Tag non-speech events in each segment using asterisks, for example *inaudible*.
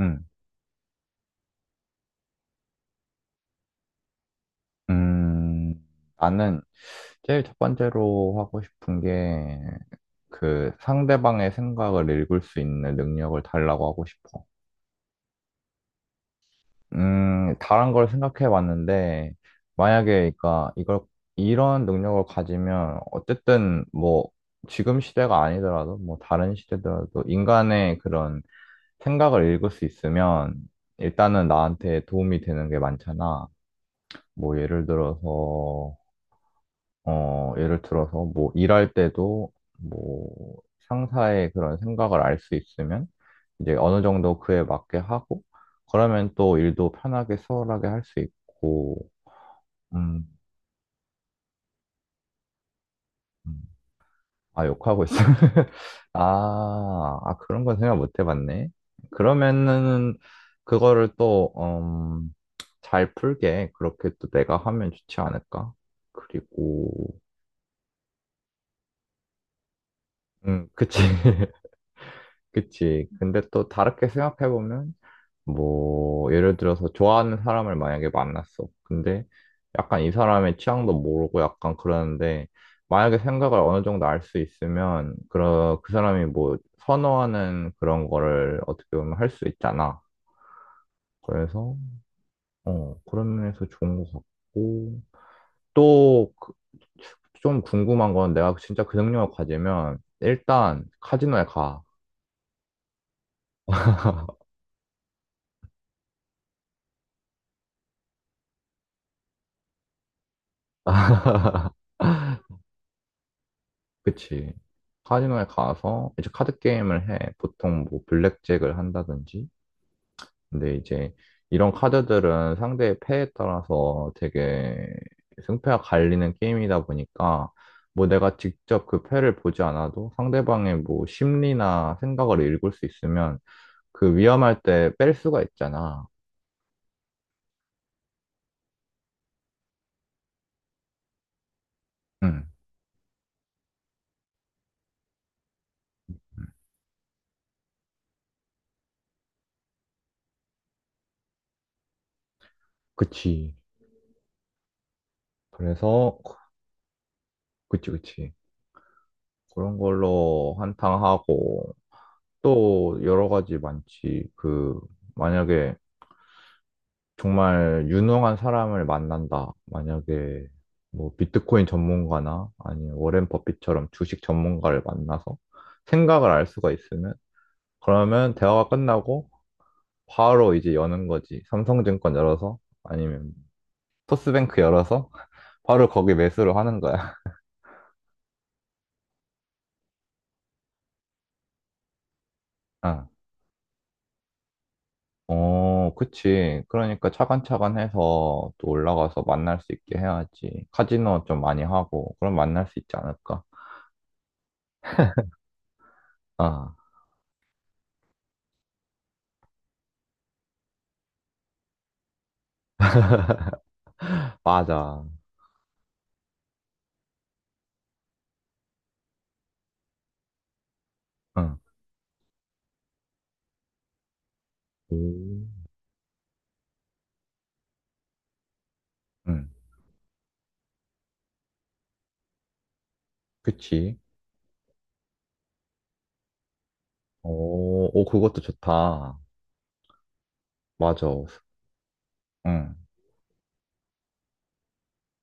음, 음, 나는 제일 첫 번째로 하고 싶은 게 그 상대방의 생각을 읽을 수 있는 능력을 달라고 하고 싶어. 다른 걸 생각해 봤는데 만약에 그러니까 이걸 이런 능력을 가지면 어쨌든 뭐 지금 시대가 아니더라도 뭐 다른 시대더라도 인간의 그런 생각을 읽을 수 있으면 일단은 나한테 도움이 되는 게 많잖아. 뭐 예를 들어서 예를 들어서 뭐 일할 때도 뭐 상사의 그런 생각을 알 수 있으면 이제 어느 정도 그에 맞게 하고 그러면 또 일도 편하게 수월하게 할 수 있고. 음, 음. 아 욕하고 있어 *laughs* 아, 아 그런 건 생각 못 해봤네. 그러면은 그거를 또 잘 풀게 그렇게 또 내가 하면 좋지 않을까. 그리고 그치. *laughs* 그치. 근데 또 다르게 생각해보면, 뭐, 예를 들어서 좋아하는 사람을 만약에 만났어. 근데 약간 이 사람의 취향도 모르고 약간 그러는데, 만약에 생각을 어느 정도 알 수 있으면, 그, 그 사람이 뭐, 선호하는 그런 거를 어떻게 보면 할 수 있잖아. 그래서, 그런 면에서 좋은 것 같고, 또, 좀 궁금한 건 내가 진짜 그 능력을 가지면, 일단 카지노에 가. *laughs* 그치. 카지노에 가서 이제 카드 게임을 해. 보통 뭐 블랙잭을 한다든지. 근데 이제 이런 카드들은 상대의 패에 따라서 되게 승패가 갈리는 게임이다 보니까 뭐 내가 직접 그 패를 보지 않아도 상대방의 뭐 심리나 생각을 읽을 수 있으면 그 위험할 때 뺄 수가 있잖아. 응. 그치. 그래서, 그치, 그치. 그런 걸로 한탕하고, 또 여러 가지 많지. 그, 만약에 정말 유능한 사람을 만난다. 만약에 뭐 비트코인 전문가나 아니면 워렌 버핏처럼 주식 전문가를 만나서 생각을 알 수가 있으면 그러면 대화가 끝나고 바로 이제 여는 거지. 삼성증권 열어서 아니면 토스뱅크 열어서 바로 거기 매수를 하는 거야. *laughs* 어, 그치. 그러니까 차근차근 해서 또 올라가서 만날 수 있게 해야지. 카지노 좀 많이 하고, 그럼 만날 수 있지 않을까? 아, 맞아. 응. 오. 응. 그치. 오, 오, 그것도 좋다. 맞아. 응,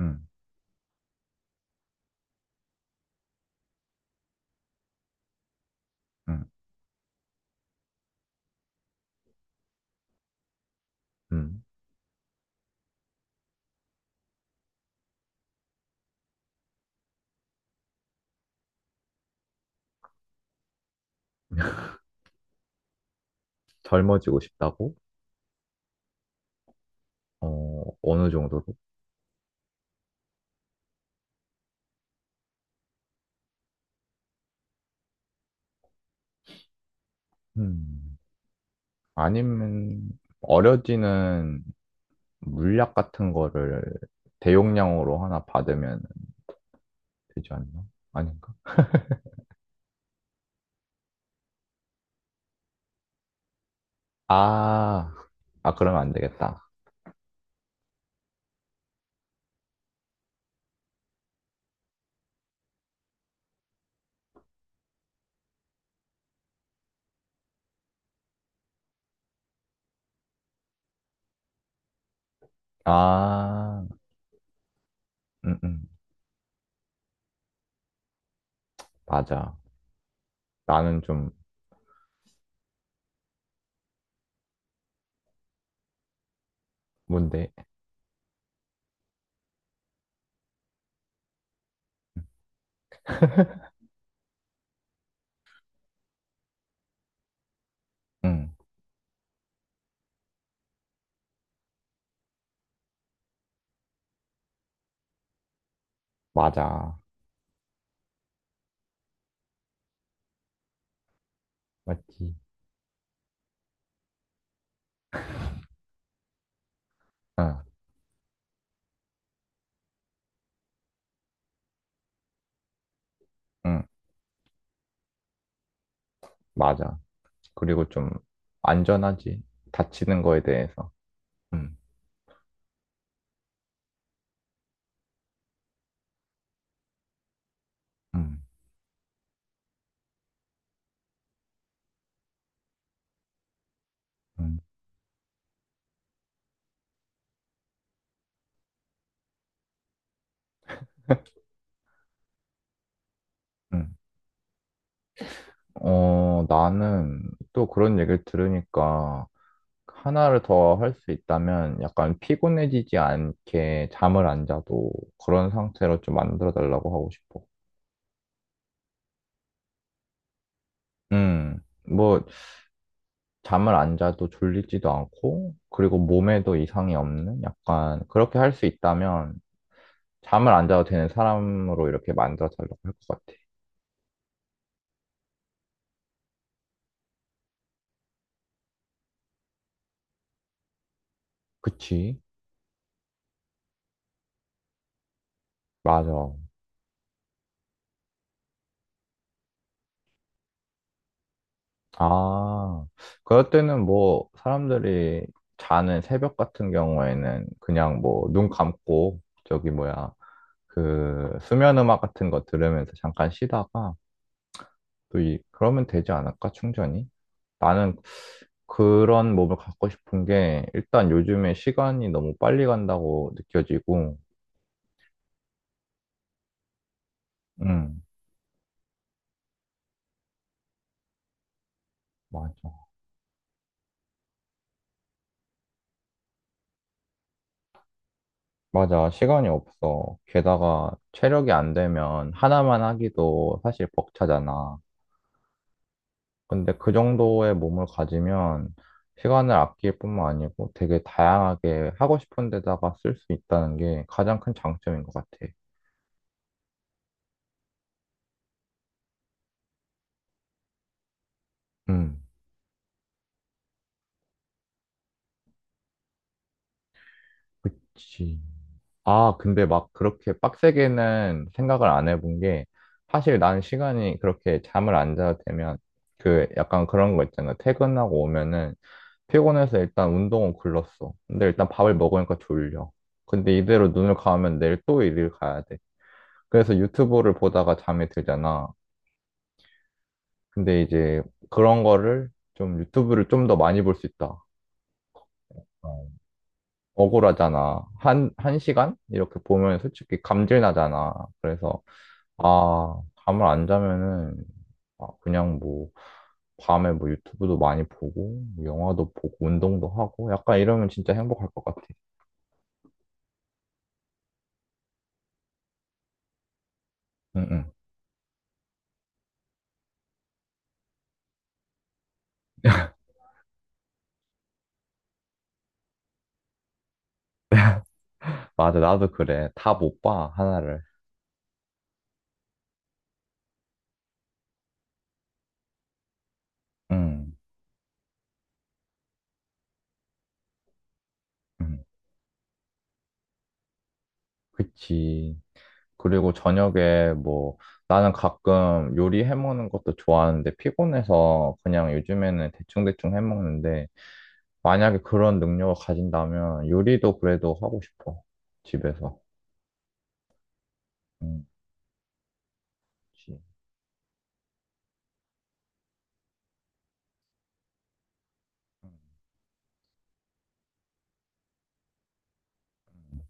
응, 응, 응. 젊어지고 싶다고? 어, 어느 정도로? 음. 아니면, 어려지는 물약 같은 거를 대용량으로 하나 받으면 되지 않나? 아닌가? 아, 아, 그러면 안 되겠다. 아, 음, 음, 맞아. 나는 좀, 뭔데? *laughs* 응, 맞아. 맞지? 응, 응, 맞아. 그리고 좀, 안전하지. 다치는 거에 대해서. 응, 응, 응, 응. 어, 나는 또 그런 얘기를 들으니까, 하나를 더 할 수 있다면, 약간 피곤해지지 않게 잠을 안 자도 그런 상태로 좀 만들어 달라고 하고 싶어. 응. 뭐, 잠을 안 자도 졸리지도 않고, 그리고 몸에도 이상이 없는 약간 그렇게 할 수 있다면 잠을 안 자도 되는 사람으로 이렇게 만들어달라고 할 것 같아. 그치? 맞아. 아, 그럴 때는 뭐 사람들이 자는 새벽 같은 경우에는 그냥 뭐 눈 감고 저기 뭐야 그 수면 음악 같은 거 들으면서 잠깐 쉬다가 또 그러면 되지 않을까? 충전이? 나는 그런 몸을 갖고 싶은 게 일단 요즘에 시간이 너무 빨리 간다고 느껴지고, 음, 맞아. 맞아. 시간이 없어. 게다가 체력이 안 되면 하나만 하기도 사실 벅차잖아. 근데 그 정도의 몸을 가지면 시간을 아낄 뿐만 아니고 되게 다양하게 하고 싶은 데다가 쓸 수 있다는 게 가장 큰 장점인 것 같아. 음, 그치. 아, 근데 막 그렇게 빡세게는 생각을 안 해본 게, 사실 나는 시간이 그렇게 잠을 안 자도 되면, 그 약간 그런 거 있잖아. 퇴근하고 오면은 피곤해서 일단 운동은 굴렀어. 근데 일단 밥을 먹으니까 졸려. 근데 이대로 눈을 감으면 내일 또 일을 가야 돼. 그래서 유튜브를 보다가 잠이 들잖아. 근데 이제 그런 거를 좀 유튜브를 좀 더 많이 볼 수 있다. 어. 억울하잖아. 한, 1시간? 이렇게 보면 솔직히 감질 나잖아. 그래서 아, 잠을 안 자면은, 아, 그냥 뭐, 밤에 뭐 유튜브도 많이 보고, 뭐 영화도 보고, 운동도 하고, 약간 이러면 진짜 행복할 것 같아. 응, 응. 맞아, 나도 그래. 다 못 봐, 하나를. 응, 응. 그치. 그리고 저녁에 뭐, 나는 가끔 요리 해먹는 것도 좋아하는데, 피곤해서 그냥 요즘에는 대충대충 해먹는데, 만약에 그런 능력을 가진다면, 요리도 그래도 하고 싶어. 집에서. 응, 그치. 응. 응.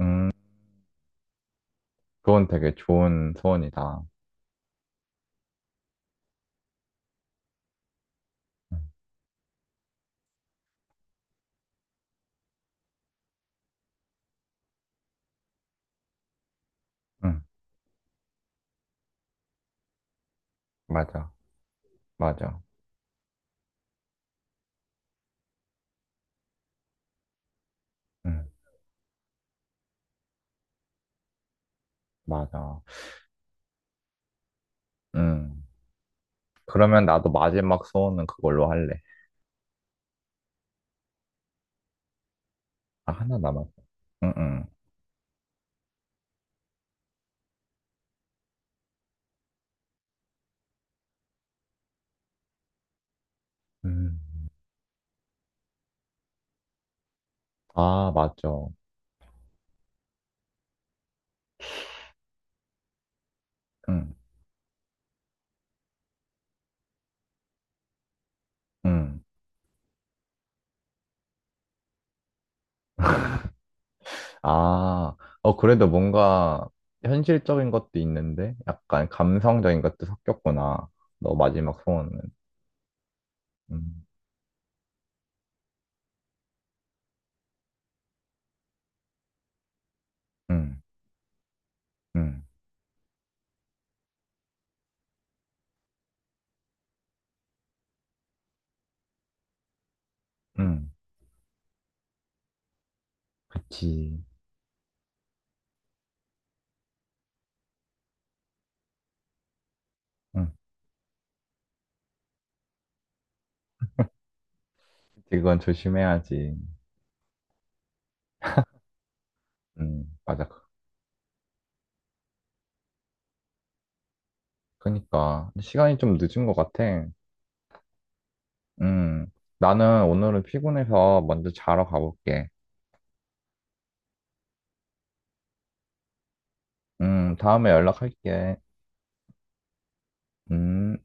음, 그건 되게 좋은 소원이다. 응, 응, 맞아, 맞아, 응, 맞아. 응, 그러면 나도 마지막 소원은 그걸로 할래. 아, 하나 남았어. 응, 응, 응. 아, 맞죠. 응, 응. 아, 어, 그래도 뭔가 현실적인 것도 있는데, 약간 감성적인 것도 섞였구나. 너 마지막 소원은. 응, 응, 응, 응. 그치. 응, 그치, 그건 조심해야지. 응, 맞아. 그니까 시간이 좀 늦은 것 같아. 음, 나는 오늘은 피곤해서 먼저 자러 가볼게. 다음에 연락할게. 음.